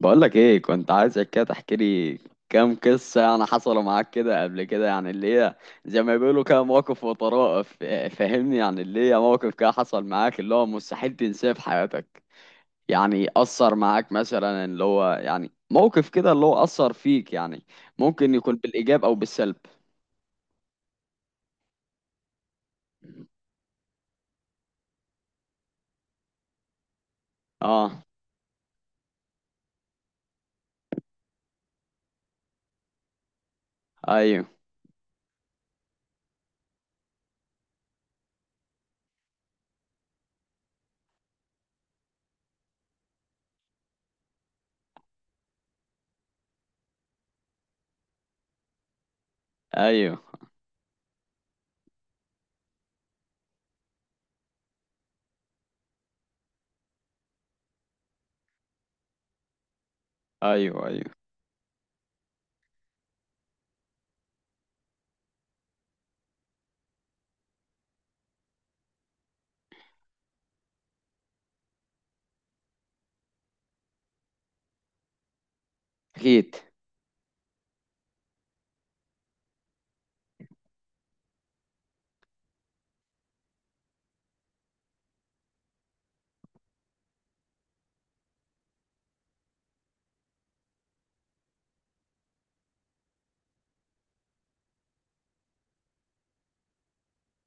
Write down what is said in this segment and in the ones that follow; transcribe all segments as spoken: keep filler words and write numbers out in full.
بقولك ايه، كنت عايزك كده تحكي لي كام قصة يعني حصلوا معاك كده قبل كده، يعني اللي هي زي ما بيقولوا كده مواقف وطرائف، فا- فاهمني؟ يعني اللي هي موقف كده حصل معاك اللي هو مستحيل تنساه في حياتك. يعني أثر معاك مثلا، اللي هو يعني موقف كده اللي هو أثر فيك يعني. ممكن يكون بالإيجاب أو بالسلب. اه. ايوه ايوه. ايوه ايوه. اكيد.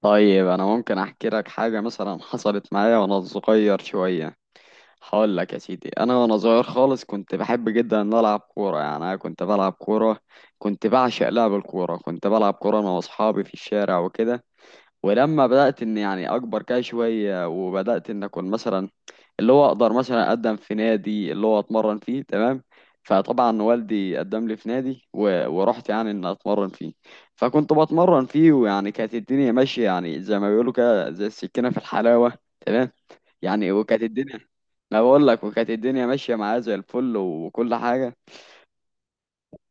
طيب انا ممكن احكي لك حاجه مثلا حصلت معايا وانا صغير شويه. هقول لك يا سيدي، انا وانا صغير خالص كنت بحب جدا ان أنا العب كوره، يعني انا كنت بلعب كوره، كنت بعشق لعب الكوره، كنت بلعب كوره انا واصحابي في الشارع وكده. ولما بدات ان يعني اكبر كده شويه وبدات ان اكون مثلا اللي هو اقدر مثلا اقدم في نادي اللي هو اتمرن فيه، تمام؟ فطبعا والدي قدم لي في نادي و... ورحت يعني ان اتمرن فيه. فكنت بتمرن فيه، ويعني كانت الدنيا ماشيه، يعني زي ما بيقولوا كده زي السكينه في الحلاوه، تمام؟ يعني وكانت الدنيا، انا بقول لك وكانت الدنيا ماشيه معايا زي الفل وكل حاجه.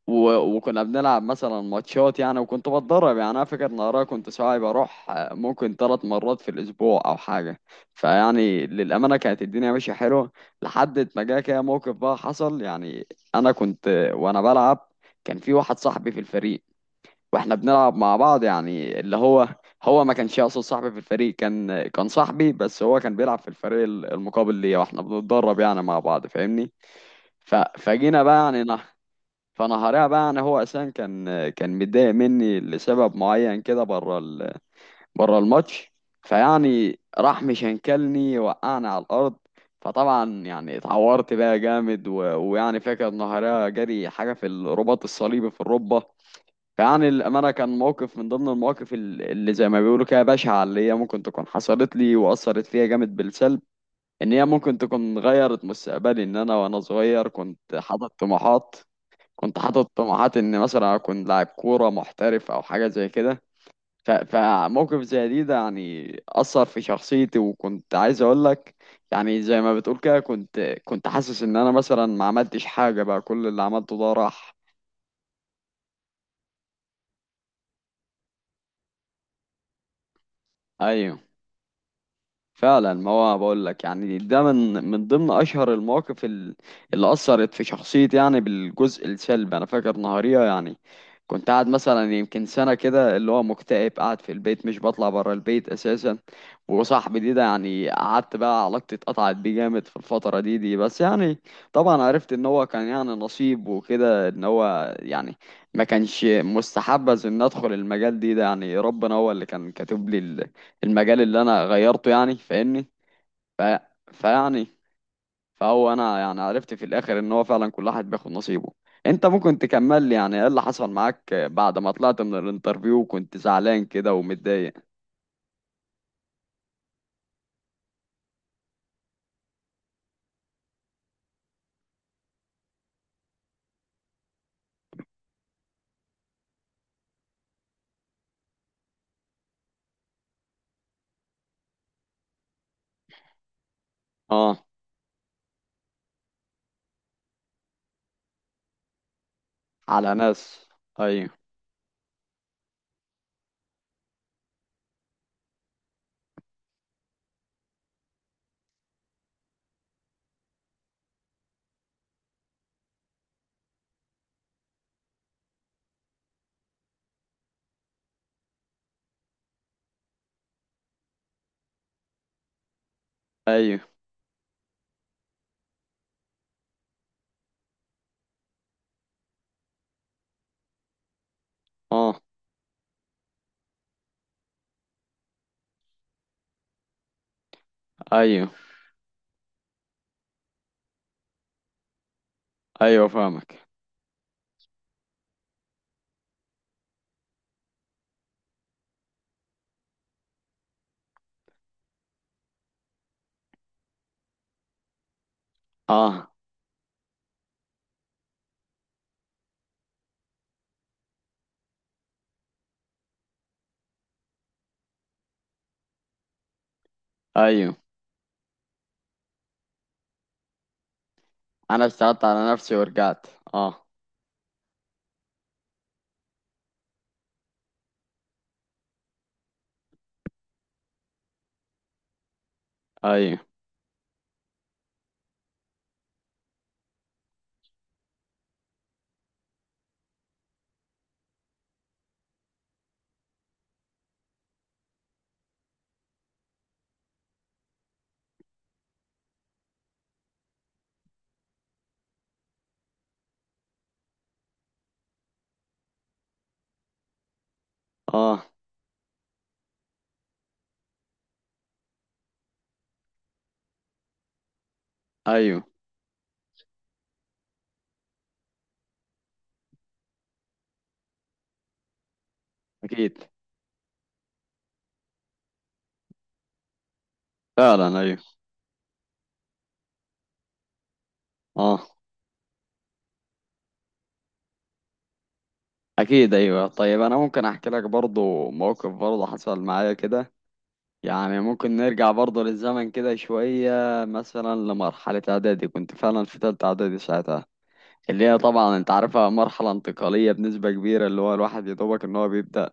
و... وكنا بنلعب مثلا ماتشات يعني، وكنت بتدرب يعني. انا فاكر نهارها كنت ساعات بروح آه، ممكن ثلاث مرات في الاسبوع او حاجه. فيعني للامانه كانت الدنيا ماشيه حلوه، لحد ما جه كده موقف بقى حصل يعني. انا كنت وانا بلعب، كان في واحد صاحبي في الفريق واحنا بنلعب مع بعض، يعني اللي هو هو ما كانش اصلا صاحبي في الفريق، كان كان صاحبي بس هو كان بيلعب في الفريق المقابل ليا، واحنا بنتدرب يعني مع بعض، فاهمني؟ ف... فجينا بقى يعني نح... فنهارها بقى يعني هو اساسا كان كان متضايق مني لسبب معين كده بره ال... بره الماتش. فيعني راح مشنكلني وقعني على الارض. فطبعا يعني اتعورت بقى جامد، و... ويعني فاكر نهارها جري حاجه في الرباط الصليبي في الركبه. فيعني الامانه كان موقف من ضمن المواقف ال- اللي زي ما بيقولوا كده بشعه، اللي هي ممكن تكون حصلت لي واثرت فيا جامد بالسلب. ان هي ممكن تكون غيرت مستقبلي، ان انا وانا صغير كنت حاطط طموحات، كنت حاطط طموحات ان مثلا اكون لاعب كوره محترف او حاجه زي كده. ف- فموقف زي دي ده يعني اثر في شخصيتي، وكنت عايز اقول لك يعني زي ما بتقول كده، كنت كنت حاسس ان انا مثلا ما عملتش حاجه بقى، كل اللي عملته ده راح. ايوه فعلا. ما هو بقول لك يعني ده من من ضمن اشهر المواقف ال- اللي اثرت في شخصيتي يعني بالجزء السلبي. انا فاكر نهاريه يعني كنت قاعد مثلا يمكن سنه كده، اللي هو مكتئب قاعد في البيت مش بطلع بره البيت اساسا. وصاحبي دي ده يعني قعدت بقى، علاقتي اتقطعت بيه جامد في الفتره دي دي، بس يعني طبعا عرفت ان هو كان يعني نصيب وكده، ان هو يعني ما كانش مستحبذ ان ادخل المجال دي ده يعني. ربنا هو اللي كان كاتب لي المجال اللي انا غيرته يعني، فاهمني؟ ف... فيعني فهو انا يعني عرفت في الاخر ان هو فعلا كل واحد بياخد نصيبه. انت ممكن تكمل لي يعني ايه اللي حصل معاك بعد ما طلعت من الانترفيو وكنت زعلان كده ومتضايق؟ اه. على ناس. ايوه ايوه. اه. ايوه. ايوه فاهمك. اه. ايوه. انا اشتغلت على نفسي ورجعت. اه. ايوه. اه. ايوه. اكيد. فعلا، ايوه. اه. اكيد. ايوه. طيب انا ممكن احكي لك برضو موقف برضو حصل معايا كده. يعني ممكن نرجع برضو للزمن كده شويه، مثلا لمرحله اعدادي. كنت فعلا في تالتة اعدادي ساعتها، اللي هي طبعا انت عارفها مرحله انتقاليه بنسبه كبيره، اللي هو الواحد يا دوبك ان هو بيبدا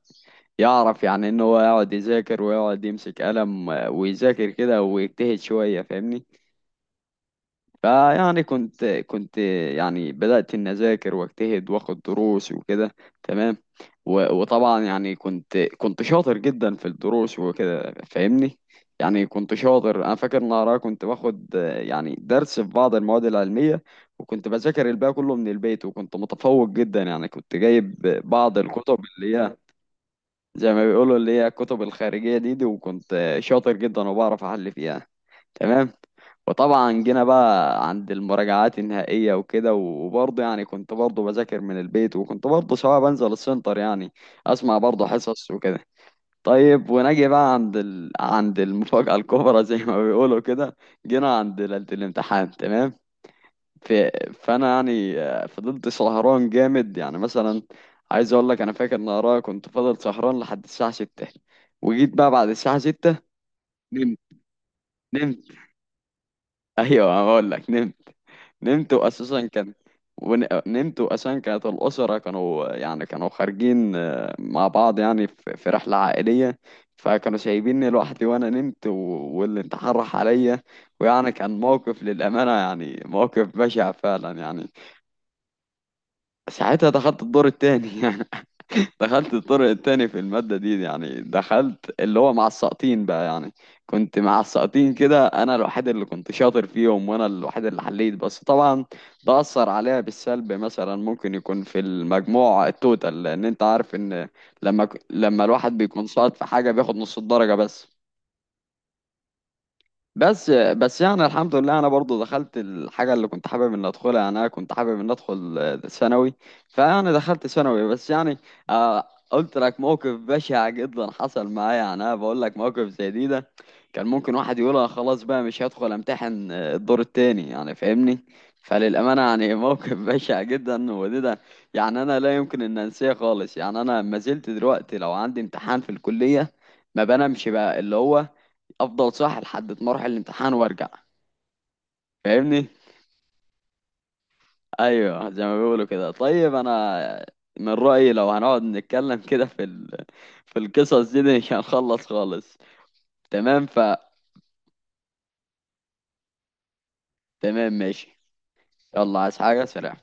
يعرف يعني ان هو يقعد يذاكر ويقعد يمسك قلم ويذاكر كده ويجتهد شويه، فاهمني؟ فيعني كنت كنت يعني بدأت إن أذاكر وأجتهد وآخد دروس وكده، تمام؟ و- وطبعا يعني كنت كنت شاطر جدا في الدروس وكده، فاهمني؟ يعني كنت شاطر. أنا فاكر إن أنا كنت باخد آه، يعني درس في بعض المواد العلمية وكنت بذاكر الباقي كله من البيت، وكنت متفوق جدا. يعني كنت جايب بعض الكتب اللي هي زي ما بيقولوا اللي هي الكتب الخارجية دي دي، وكنت شاطر جدا وبعرف أحل فيها، تمام. وطبعا جينا بقى عند المراجعات النهائية وكده، وبرضه يعني كنت برضه بذاكر من البيت، وكنت برضه سواء بنزل السنتر يعني أسمع برضه حصص وكده. طيب ونجي بقى عند ال... عند المفاجأة الكبرى زي ما بيقولوا كده. جينا عند ليلة الامتحان، تمام؟ في فانا يعني آه، فضلت سهران جامد، يعني مثلا عايز اقول لك، انا فاكر ان ورايا كنت فضل سهران لحد الساعه ستة، وجيت بقى بعد الساعه ستة نمت. نمت. ايوه هقول لك نمت. نمت واساسا كان، ون- نمت واساسا كانت الاسره كانوا يعني كانوا خارجين آه، مع بعض يعني في في رحله عائليه، فكانوا سايبيني لوحدي وانا نمت و- واللي اتحرح عليا. ويعني كان موقف للامانه يعني موقف بشع فعلا يعني. ساعتها دخلت الدور التاني يعني. دخلت الدور التاني في المادة دي، يعني دخلت اللي هو مع الساقطين بقى يعني. كنت مع الساقطين كده، انا الوحيد اللي كنت شاطر فيهم وانا الوحيد اللي حليت، بس طبعا ده اثر عليها بالسلب مثلا، ممكن يكون في المجموع التوتال، لان انت عارف ان لما لما الواحد بيكون ساقط في حاجة بياخد نص الدرجة بس. بس بس يعني الحمد لله انا برضو دخلت الحاجه اللي كنت حابب ان ادخلها، يعني انا كنت حابب ان ادخل آه، ثانوي، فيعني دخلت ثانوي، بس يعني آه، قلت لك موقف بشع جدا حصل معايا. يعني انا بقول لك موقف زي دي ده كان ممكن واحد يقولها خلاص بقى مش هدخل امتحن آه، الدور التاني، يعني فاهمني؟ فللامانه يعني موقف بشع جدا، وده ده يعني انا لا يمكن ان انساه خالص. يعني انا ما زلت دلوقتي لو عندي امتحان في الكليه ما بنامش بقى، اللي هو افضل صاحي لحد ما اروح الامتحان وارجع، فاهمني؟ ايوه زي ما بيقولوا كده. طيب انا من رأيي لو هنقعد نتكلم كده في ال... في القصص دي, دي مش هنخلص خالص، تمام؟ ف، تمام ماشي. يلا، عايز حاجة؟ سلام.